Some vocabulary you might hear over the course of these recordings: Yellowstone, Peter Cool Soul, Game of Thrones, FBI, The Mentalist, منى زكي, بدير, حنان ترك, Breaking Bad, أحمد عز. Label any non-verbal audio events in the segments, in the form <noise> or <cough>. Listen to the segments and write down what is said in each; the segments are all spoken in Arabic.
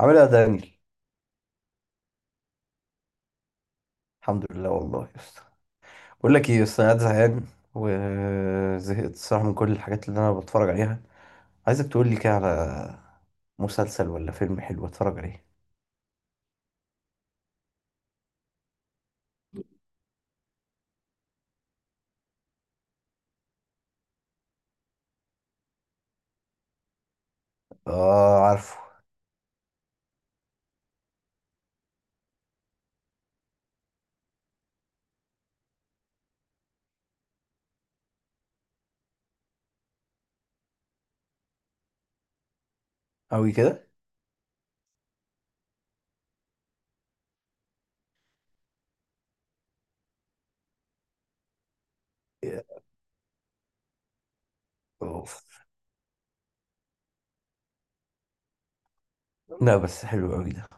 عامل ايه يا دانيال؟ الحمد لله والله يا اسطى. بقول لك ايه يا اسطى، انا قاعد زهقان وزهقت الصراحه من كل الحاجات اللي انا بتفرج عليها. عايزك تقول لي كده على مسلسل ولا فيلم حلو اتفرج عليه. اه عارفه. قوي كده؟ اوف. لا بس حلو قوي ده.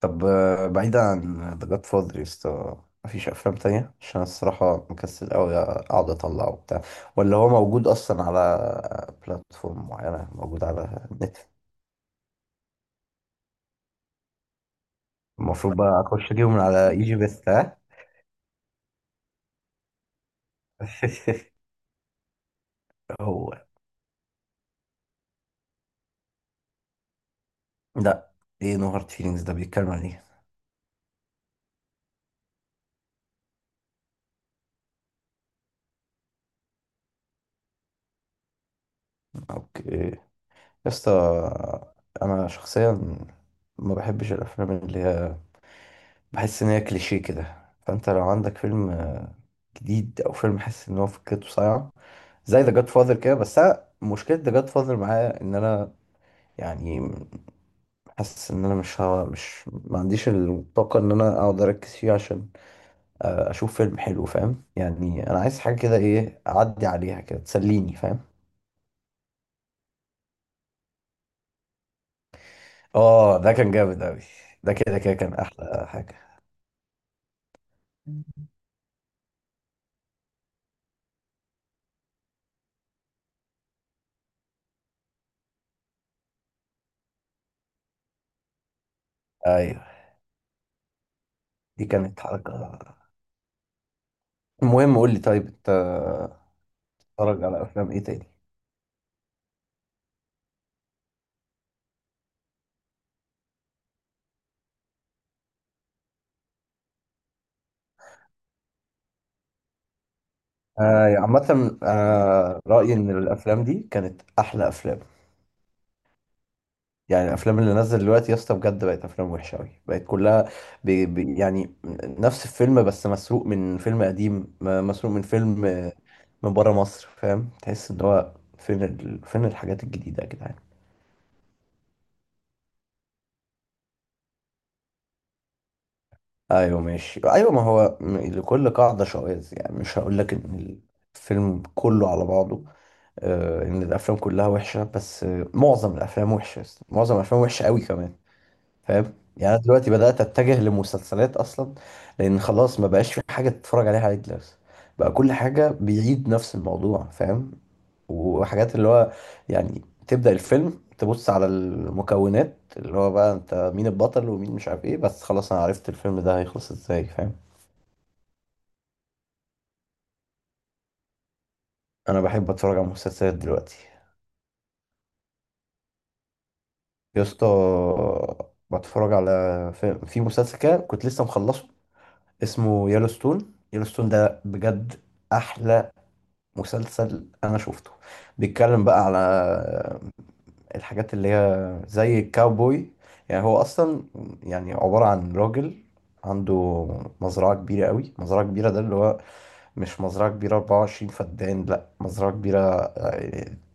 طب بعيدا عن ذا جاد فاذر يا اسطى، مفيش افلام تانية؟ عشان أنا الصراحه مكسل قوي اقعد اطلعه وبتاع. ولا هو موجود اصلا على بلاتفورم معينه؟ موجود على نت؟ المفروض بقى اخش اجيبه من على ايجي بيست؟ ها؟ <laughs> هو؟ لا. ايه نو هارد فيلينجز ده؟ بيتكلم عن ايه؟ اوكي يا اسطى. انا شخصيا ما بحبش الافلام اللي هي، بحس ان هي كليشيه كده. فانت لو عندك فيلم جديد او فيلم حاسس ان هو فكرته صايعه زي ذا جاد فاذر كده. بس انا مشكله ذا جاد فاذر معايا ان انا يعني حاسس ان انا مش ها مش ما عنديش الطاقه ان انا اقعد اركز فيه. عشان اشوف فيلم حلو فاهم؟ يعني انا عايز حاجه كده ايه، اعدي عليها كده تسليني فاهم. اه ده كان جامد اوي. ده كده كده كان احلى حاجة. ايوه. دي كانت حركة. المهم قول لي، طيب انت اتفرج على افلام ايه تاني؟ آه، عامة انا رأيي ان الافلام دي كانت احلى افلام. يعني الافلام اللي نزل دلوقتي يا اسطى، بجد بقت افلام وحشة اوي، بقت كلها بي بي يعني. نفس الفيلم، بس مسروق من فيلم قديم، مسروق من فيلم من بره مصر. فاهم؟ تحس ان هو، فين الحاجات الجديدة يا جدعان؟ ايوه ماشي، ايوه. ما هو لكل قاعده شواذ. يعني مش هقول لك ان الفيلم كله على بعضه آه، ان الافلام كلها وحشه، بس آه معظم الافلام وحشه. معظم الافلام وحشه قوي كمان. فاهم؟ يعني انا دلوقتي بدات اتجه لمسلسلات اصلا، لان خلاص ما بقاش في حاجه تتفرج عليها عادي دلوقتي. بقى كل حاجه بيعيد نفس الموضوع فاهم. وحاجات اللي هو يعني، تبدا الفيلم تبص على المكونات، اللي هو بقى انت مين البطل ومين مش عارف ايه، بس خلاص انا عرفت الفيلم ده هيخلص ازاي فاهم. انا بحب اتفرج على مسلسلات دلوقتي. يا اسطى بتفرج على، في مسلسل كده كنت لسه مخلصه، اسمه يellowstone. يellowstone ده بجد احلى مسلسل انا شفته. بيتكلم بقى على الحاجات اللي هي زي الكاوبوي. يعني هو اصلا يعني عبارة عن راجل عنده مزرعة كبيرة قوي. مزرعة كبيرة ده اللي هو مش مزرعة كبيرة 24 فدان، لا، مزرعة كبيرة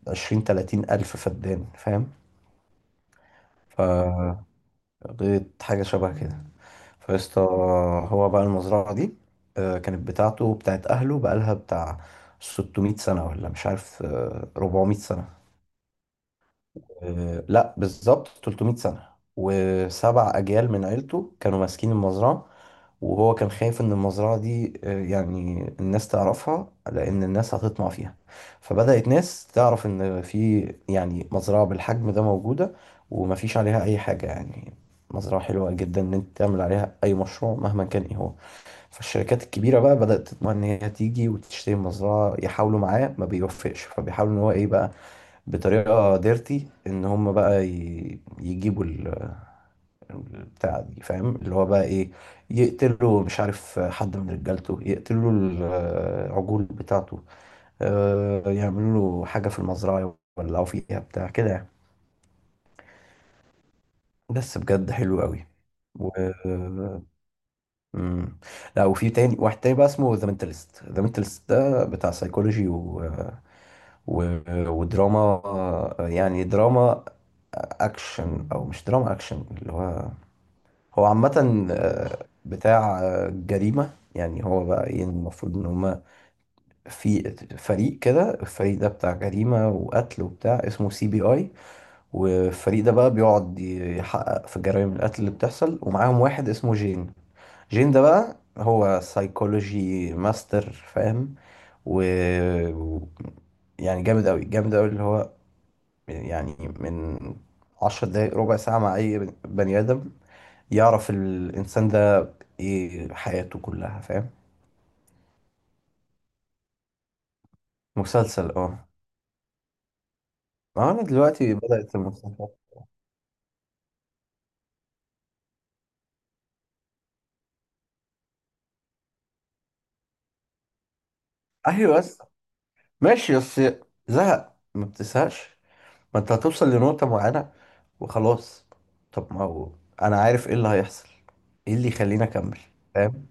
20 30 ألف فدان فاهم. ف غيط حاجة شبه كده. فيسطا، هو بقى المزرعة دي كانت بتاعته وبتاعت أهله، بقالها بتاع 600 سنة، ولا مش عارف، 400 سنة. لا، بالظبط 300 سنة. وسبع أجيال من عيلته كانوا ماسكين المزرعة. وهو كان خايف إن المزرعة دي يعني الناس تعرفها، لأن الناس هتطمع فيها. فبدأت ناس تعرف إن في يعني مزرعة بالحجم ده موجودة، ومفيش عليها أي حاجة يعني. مزرعة حلوة جدا إن أنت تعمل عليها أي مشروع مهما كان إيه هو. فالشركات الكبيرة بقى بدأت تطمع إن هي تيجي وتشتري المزرعة. يحاولوا معاه، ما بيوفقش، فبيحاولوا إن هو إيه بقى، بطريقه ديرتي، ان هم بقى يجيبوا البتاع دي فاهم، اللي هو بقى ايه، يقتلوا مش عارف حد من رجالته، يقتلوا العجول بتاعته، يعملوا له حاجه في المزرعه يولعوا فيها بتاع كده يعني. بس بجد حلو قوي. و... <laughs> مم. لا، وفي تاني، واحد تاني بقى اسمه ذا مينتالست. ذا مينتالست ده بتاع سايكولوجي و... ودراما. يعني دراما اكشن، او مش دراما اكشن، اللي هو هو عامة بتاع جريمة. يعني هو بقى ايه، المفروض ان هما في فريق كده، الفريق ده بتاع جريمة وقتل وبتاع، اسمه CBI. والفريق ده بقى بيقعد يحقق في جرائم القتل اللي بتحصل، ومعاهم واحد اسمه جين. جين ده بقى هو سايكولوجي ماستر فاهم. و و- يعني جامد قوي، جامد قوي، اللي هو يعني من 10 دقايق، ربع ساعة، مع أي بني آدم يعرف الإنسان ده ايه حياته كلها فاهم. مسلسل اه. ما انا دلوقتي بدأت المسلسلات. ايوه بس، ماشي، بس زهق ما بتزهقش؟ ما انت هتوصل لنقطة معينة وخلاص. طب ما هو انا عارف ايه اللي هيحصل، ايه اللي يخليني اكمل فاهم؟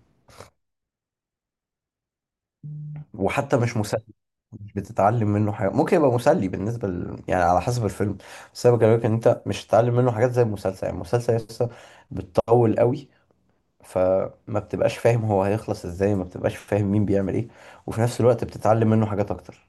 وحتى مش مسلي. مش بتتعلم منه حاجة. ممكن يبقى مسلي يعني على حسب الفيلم، بس انا بكلمك ان انت مش هتتعلم منه حاجات زي المسلسل. يعني المسلسل لسه بتطول قوي، فما بتبقاش فاهم هو هيخلص ازاي، ما بتبقاش فاهم مين بيعمل ايه، وفي نفس الوقت بتتعلم منه حاجات اكتر.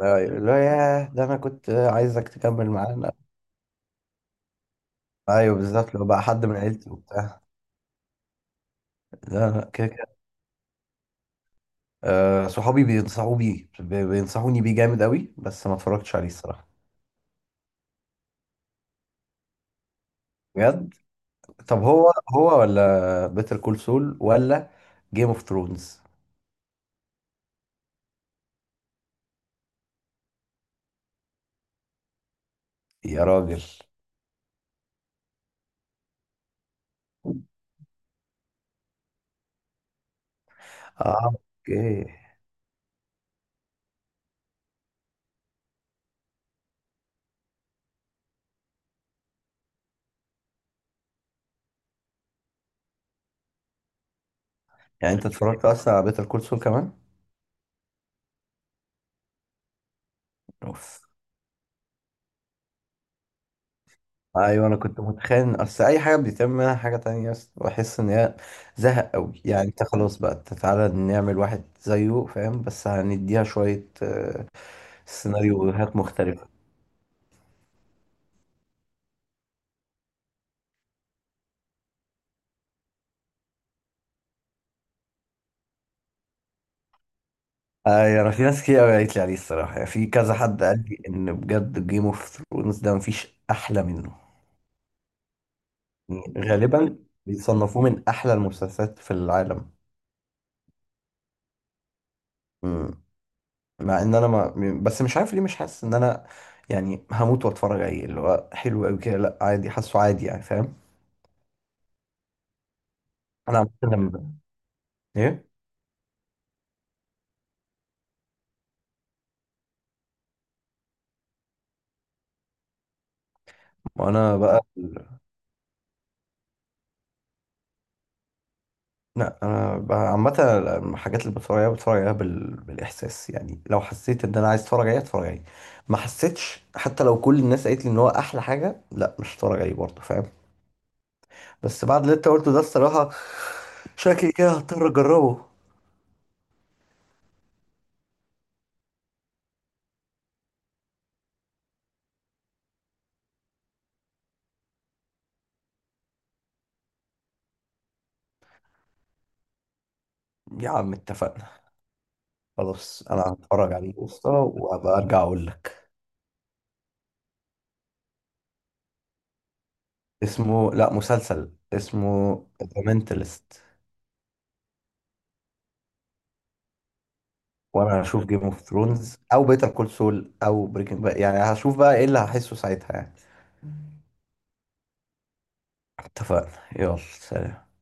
لا لا يا ده انا كنت عايزك تكمل معانا. ايوه بالظبط، لو بقى حد من عيلتي وبتاع. لا لا كده كده. آه، صحابي بينصحوا بيه، بينصحوني بيه جامد قوي، بس ما اتفرجتش عليه الصراحه. بجد؟ طب هو ولا بيتر كول سول ولا جيم اوف ثرونز؟ يا راجل. اه اوكي. يعني انت اتفرجت اصلا على بيتر كول سول كمان؟ اوف. ايوه انا كنت متخيل ان اصل اي حاجه بيتم منها حاجه تانية بس بحس ان هي زهق قوي. يعني انت خلاص بقى أنت تعالى نعمل واحد زيه فاهم، بس هنديها شويه سيناريوهات مختلفه. اي، انا في ناس كتير قوي قالت لي عليه الصراحه، يعني في كذا حد قال لي ان بجد جيم اوف ثرونز ده مفيش احلى منه. يعني غالبا بيصنفوه من احلى المسلسلات في العالم. مم. مع ان انا ما م- بس مش عارف ليه مش حاسس ان انا يعني هموت واتفرج عليه، اللي هو حلو قوي كده. لا عادي، حاسه عادي يعني فاهم. انا عامه لما، ايه. وانا بقى، لا انا بقى عامه الحاجات اللي بتفرج عليها بتفرج عليها بالاحساس. يعني لو حسيت ان انا عايز اتفرج عليه اتفرج عليه، ما حسيتش حتى لو كل الناس قالت لي ان هو احلى حاجه، لا مش هتفرج عليه برضه فاهم. بس بعد اللي انت قلته ده الصراحه، شكلي كده هضطر اجربه. يا عم اتفقنا. خلاص، انا هتفرج عليه قصه وهبقى ارجع اقول لك. اسمه، لا، مسلسل، اسمه ذا مينتالست. وانا هشوف جيم اوف ثرونز او بيتر كول سول او بريكنج بقى، يعني هشوف بقى ايه اللي هشوف بقى، إيه اللي هشوف بقى، إيه اللي هحسه ساعتها يعني. اتفقنا، يلا سلام.